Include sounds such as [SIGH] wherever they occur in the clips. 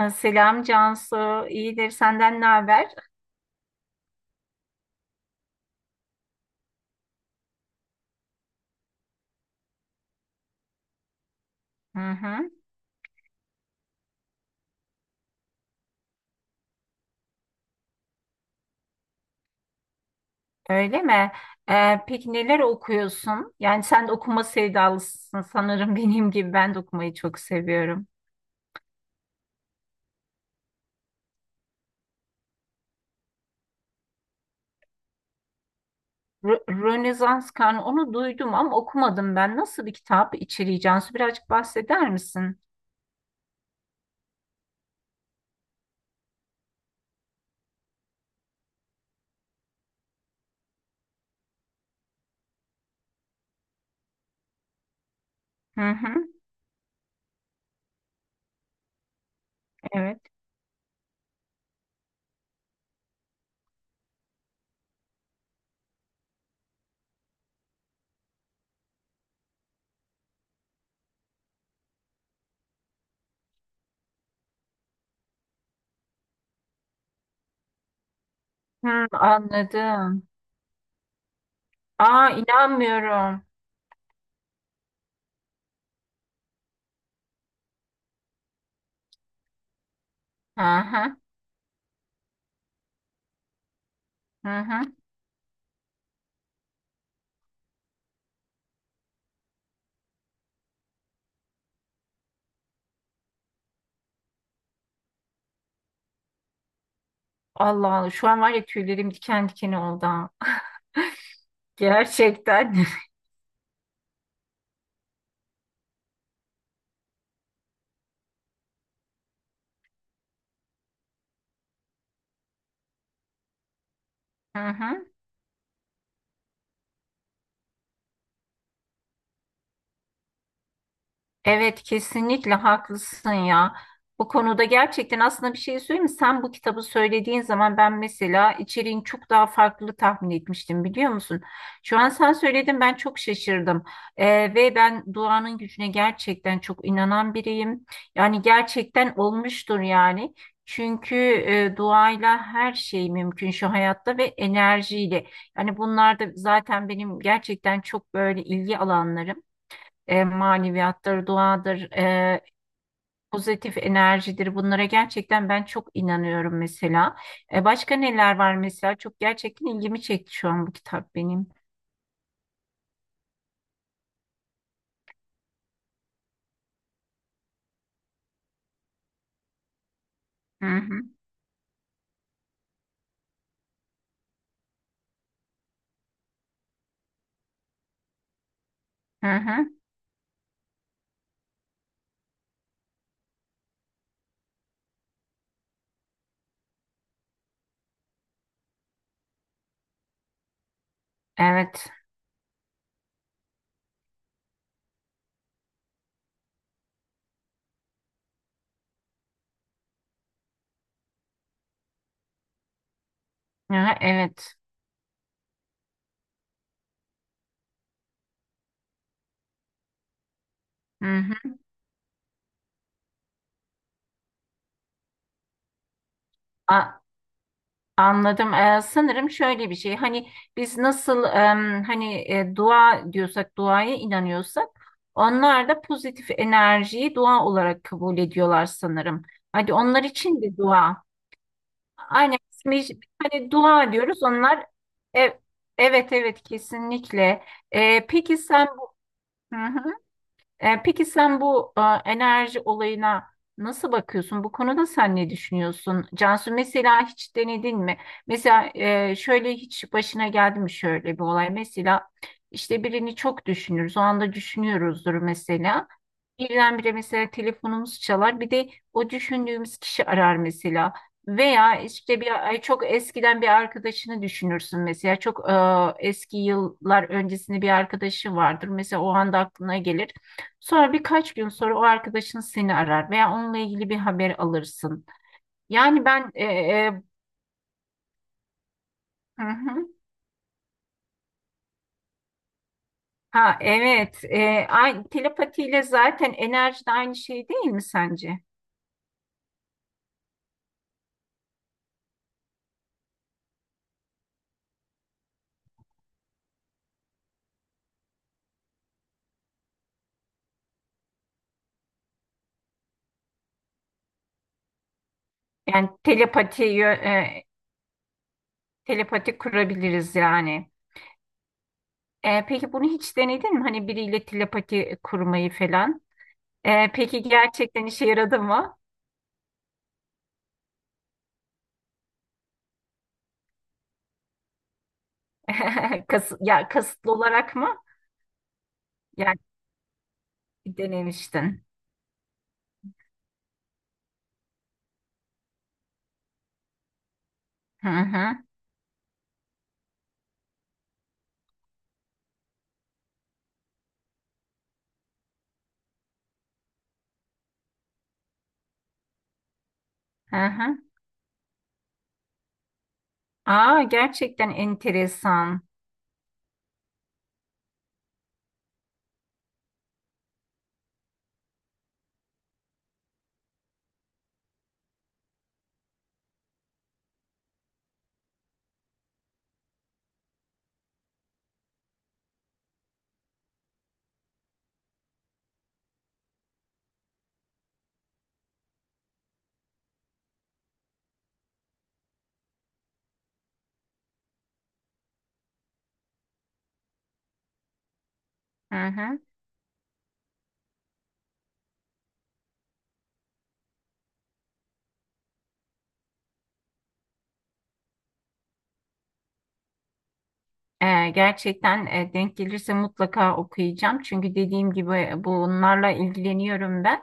Selam Cansu, iyidir. Senden ne haber? Hı hı. Öyle mi? Peki neler okuyorsun? Yani sen de okuma sevdalısın sanırım [LAUGHS] benim gibi. Ben de okumayı çok seviyorum. Rönesans Karnı onu duydum ama okumadım ben. Nasıl bir kitap içeriği Cansu? Birazcık bahseder misin? Hı hı. Evet. Hı, anladım. Aa inanmıyorum. Hı hı. Hı hı. Allah Allah. Şu an var ya tüylerim diken diken oldu. Ha. [LAUGHS] Gerçekten. [LAUGHS] Hı hı. Evet kesinlikle haklısın ya. Bu konuda gerçekten aslında bir şey söyleyeyim mi? Sen bu kitabı söylediğin zaman ben mesela içeriğin çok daha farklı tahmin etmiştim biliyor musun? Şu an sen söyledin ben çok şaşırdım. Ve ben duanın gücüne gerçekten çok inanan biriyim. Yani gerçekten olmuştur yani. Çünkü duayla her şey mümkün şu hayatta ve enerjiyle. Yani bunlar da zaten benim gerçekten çok böyle ilgi alanlarım, maneviyattır, duadır, pozitif enerjidir. Bunlara gerçekten ben çok inanıyorum mesela. Başka neler var mesela? Çok gerçekten ilgimi çekti şu an bu kitap benim. Hı hı, hı hı. Evet, hı, hı, evet. Hı hı. A- Anladım. Sanırım şöyle bir şey. Hani biz nasıl hani dua diyorsak, duaya inanıyorsak, onlar da pozitif enerjiyi dua olarak kabul ediyorlar sanırım. Hadi onlar için de dua. Aynen ismi hani dua diyoruz onlar e- evet evet kesinlikle. E, peki sen Hı hı. Peki sen bu enerji olayına nasıl bakıyorsun? Bu konuda sen ne düşünüyorsun? Cansu mesela hiç denedin mi? Mesela şöyle hiç başına geldi mi şöyle bir olay? Mesela işte birini çok düşünürüz. O anda düşünüyoruzdur mesela. Birdenbire mesela telefonumuz çalar. Bir de o düşündüğümüz kişi arar mesela. Veya işte bir ay çok eskiden bir arkadaşını düşünürsün mesela. Çok eski yıllar öncesinde bir arkadaşı vardır. Mesela o anda aklına gelir. Sonra birkaç gün sonra o arkadaşın seni arar veya onunla ilgili bir haber alırsın. Yani ben e, e, hı hı. Ha evet. Telepatiyle zaten enerji de aynı şey değil mi sence? Yani telepati yö- e, Telepati kurabiliriz yani. Peki bunu hiç denedin mi? Hani biriyle telepati kurmayı falan. Peki gerçekten işe yaradı mı? [LAUGHS] Kasıtlı olarak mı? Yani denemiştin. Hı hı, hı hı. Aa gerçekten enteresan. Hı hı. Gerçekten denk gelirse mutlaka okuyacağım. Çünkü dediğim gibi bunlarla ilgileniyorum ben.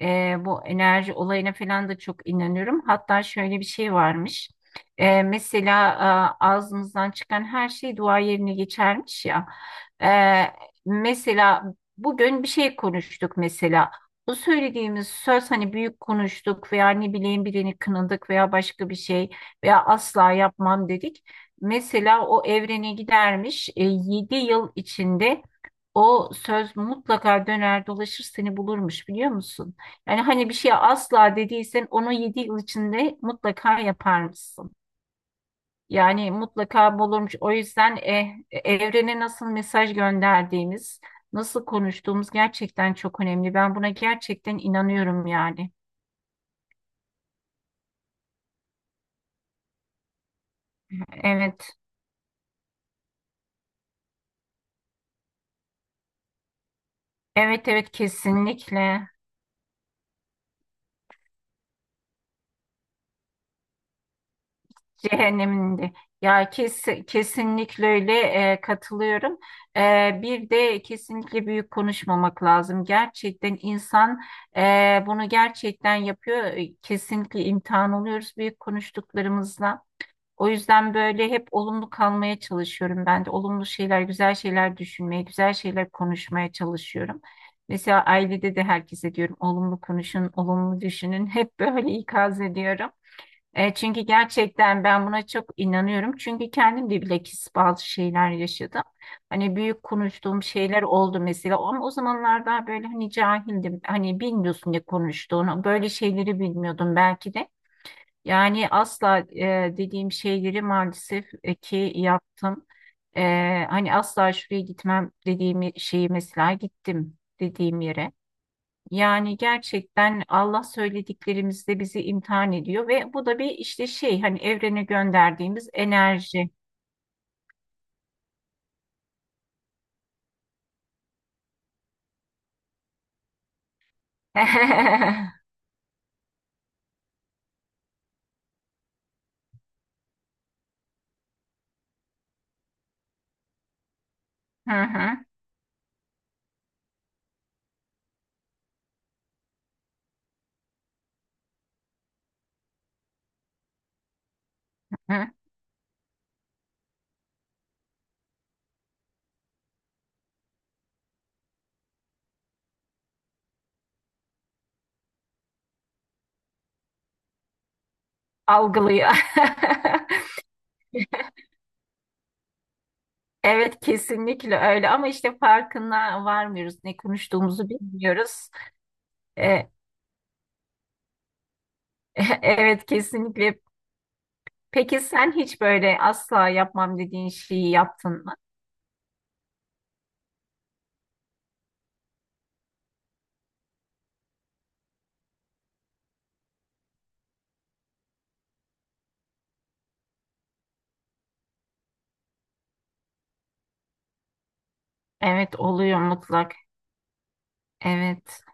Bu enerji olayına falan da çok inanıyorum. Hatta şöyle bir şey varmış. Mesela ağzımızdan çıkan her şey dua yerine geçermiş ya. Ee, Mesela bugün bir şey konuştuk mesela. Bu söylediğimiz söz hani büyük konuştuk veya ne bileyim birini kınadık veya başka bir şey veya asla yapmam dedik. Mesela o evrene gidermiş. 7 yıl içinde o söz mutlaka döner dolaşır seni bulurmuş biliyor musun? Yani hani bir şeye asla dediysen onu 7 yıl içinde mutlaka yapar mısın? Yani mutlaka bulurmuş. O yüzden evrene nasıl mesaj gönderdiğimiz, nasıl konuştuğumuz gerçekten çok önemli. Ben buna gerçekten inanıyorum yani. Evet. Evet evet kesinlikle. Cehenneminde. Ya kes, kesinlikle öyle, katılıyorum. Bir de kesinlikle büyük konuşmamak lazım. Gerçekten insan bunu gerçekten yapıyor. Kesinlikle imtihan oluyoruz büyük konuştuklarımızla. O yüzden böyle hep olumlu kalmaya çalışıyorum ben de. Olumlu şeyler, güzel şeyler düşünmeye, güzel şeyler konuşmaya çalışıyorum. Mesela ailede de herkese diyorum olumlu konuşun, olumlu düşünün. [LAUGHS] Hep böyle ikaz ediyorum. Çünkü gerçekten ben buna çok inanıyorum. Çünkü kendim de bilakis bazı şeyler yaşadım. Hani büyük konuştuğum şeyler oldu mesela. Ama o zamanlar daha böyle hani cahildim. Hani bilmiyorsun ne konuştuğunu. Böyle şeyleri bilmiyordum belki de. Yani asla dediğim şeyleri maalesef ki yaptım. E, Hani asla şuraya gitmem dediğim şeyi mesela gittim dediğim yere. Yani gerçekten Allah söylediklerimizde bizi imtihan ediyor ve bu da bir işte şey hani evrene gönderdiğimiz enerji. [LAUGHS] Hı hı, hı. Algılıyor. [LAUGHS] Evet kesinlikle öyle ama işte farkına varmıyoruz. Ne konuştuğumuzu bilmiyoruz. E, [LAUGHS] evet kesinlikle. Peki sen hiç böyle asla yapmam dediğin şeyi yaptın mı? Evet oluyor mutlak. Evet.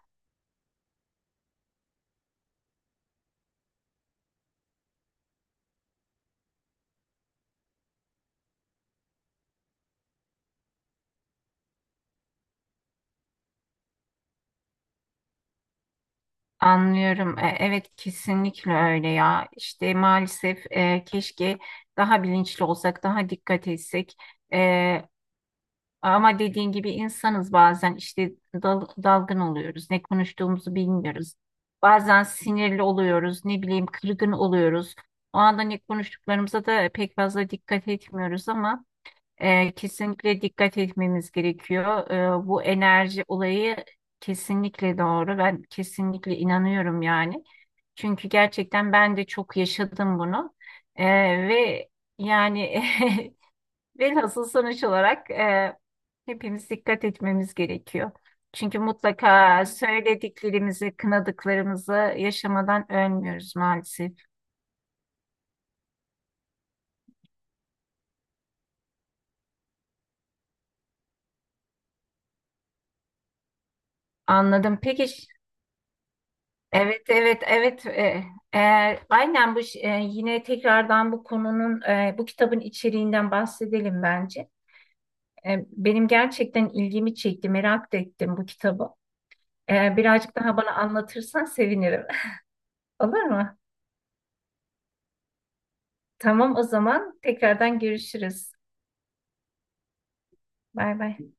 Anlıyorum. Evet kesinlikle öyle ya. İşte maalesef keşke daha bilinçli olsak, daha dikkat etsek. E, Ama dediğin gibi insanız bazen işte dalgın oluyoruz. Ne konuştuğumuzu bilmiyoruz. Bazen sinirli oluyoruz, ne bileyim kırgın oluyoruz. O anda ne konuştuklarımıza da pek fazla dikkat etmiyoruz ama kesinlikle dikkat etmemiz gerekiyor. Bu enerji olayı kesinlikle doğru. Ben kesinlikle inanıyorum yani. Çünkü gerçekten ben de çok yaşadım bunu. Ee, ve yani [LAUGHS] velhasıl sonuç olarak hepimiz dikkat etmemiz gerekiyor. Çünkü mutlaka söylediklerimizi, kınadıklarımızı yaşamadan ölmüyoruz maalesef. Anladım. Peki. Evet, evet, evet. E, aynen bu yine tekrardan bu konunun, bu kitabın içeriğinden bahsedelim bence. Benim gerçekten ilgimi çekti, merak da ettim bu kitabı. Birazcık daha bana anlatırsan sevinirim. [LAUGHS] Olur mu? Tamam, o zaman tekrardan görüşürüz. Bay bay.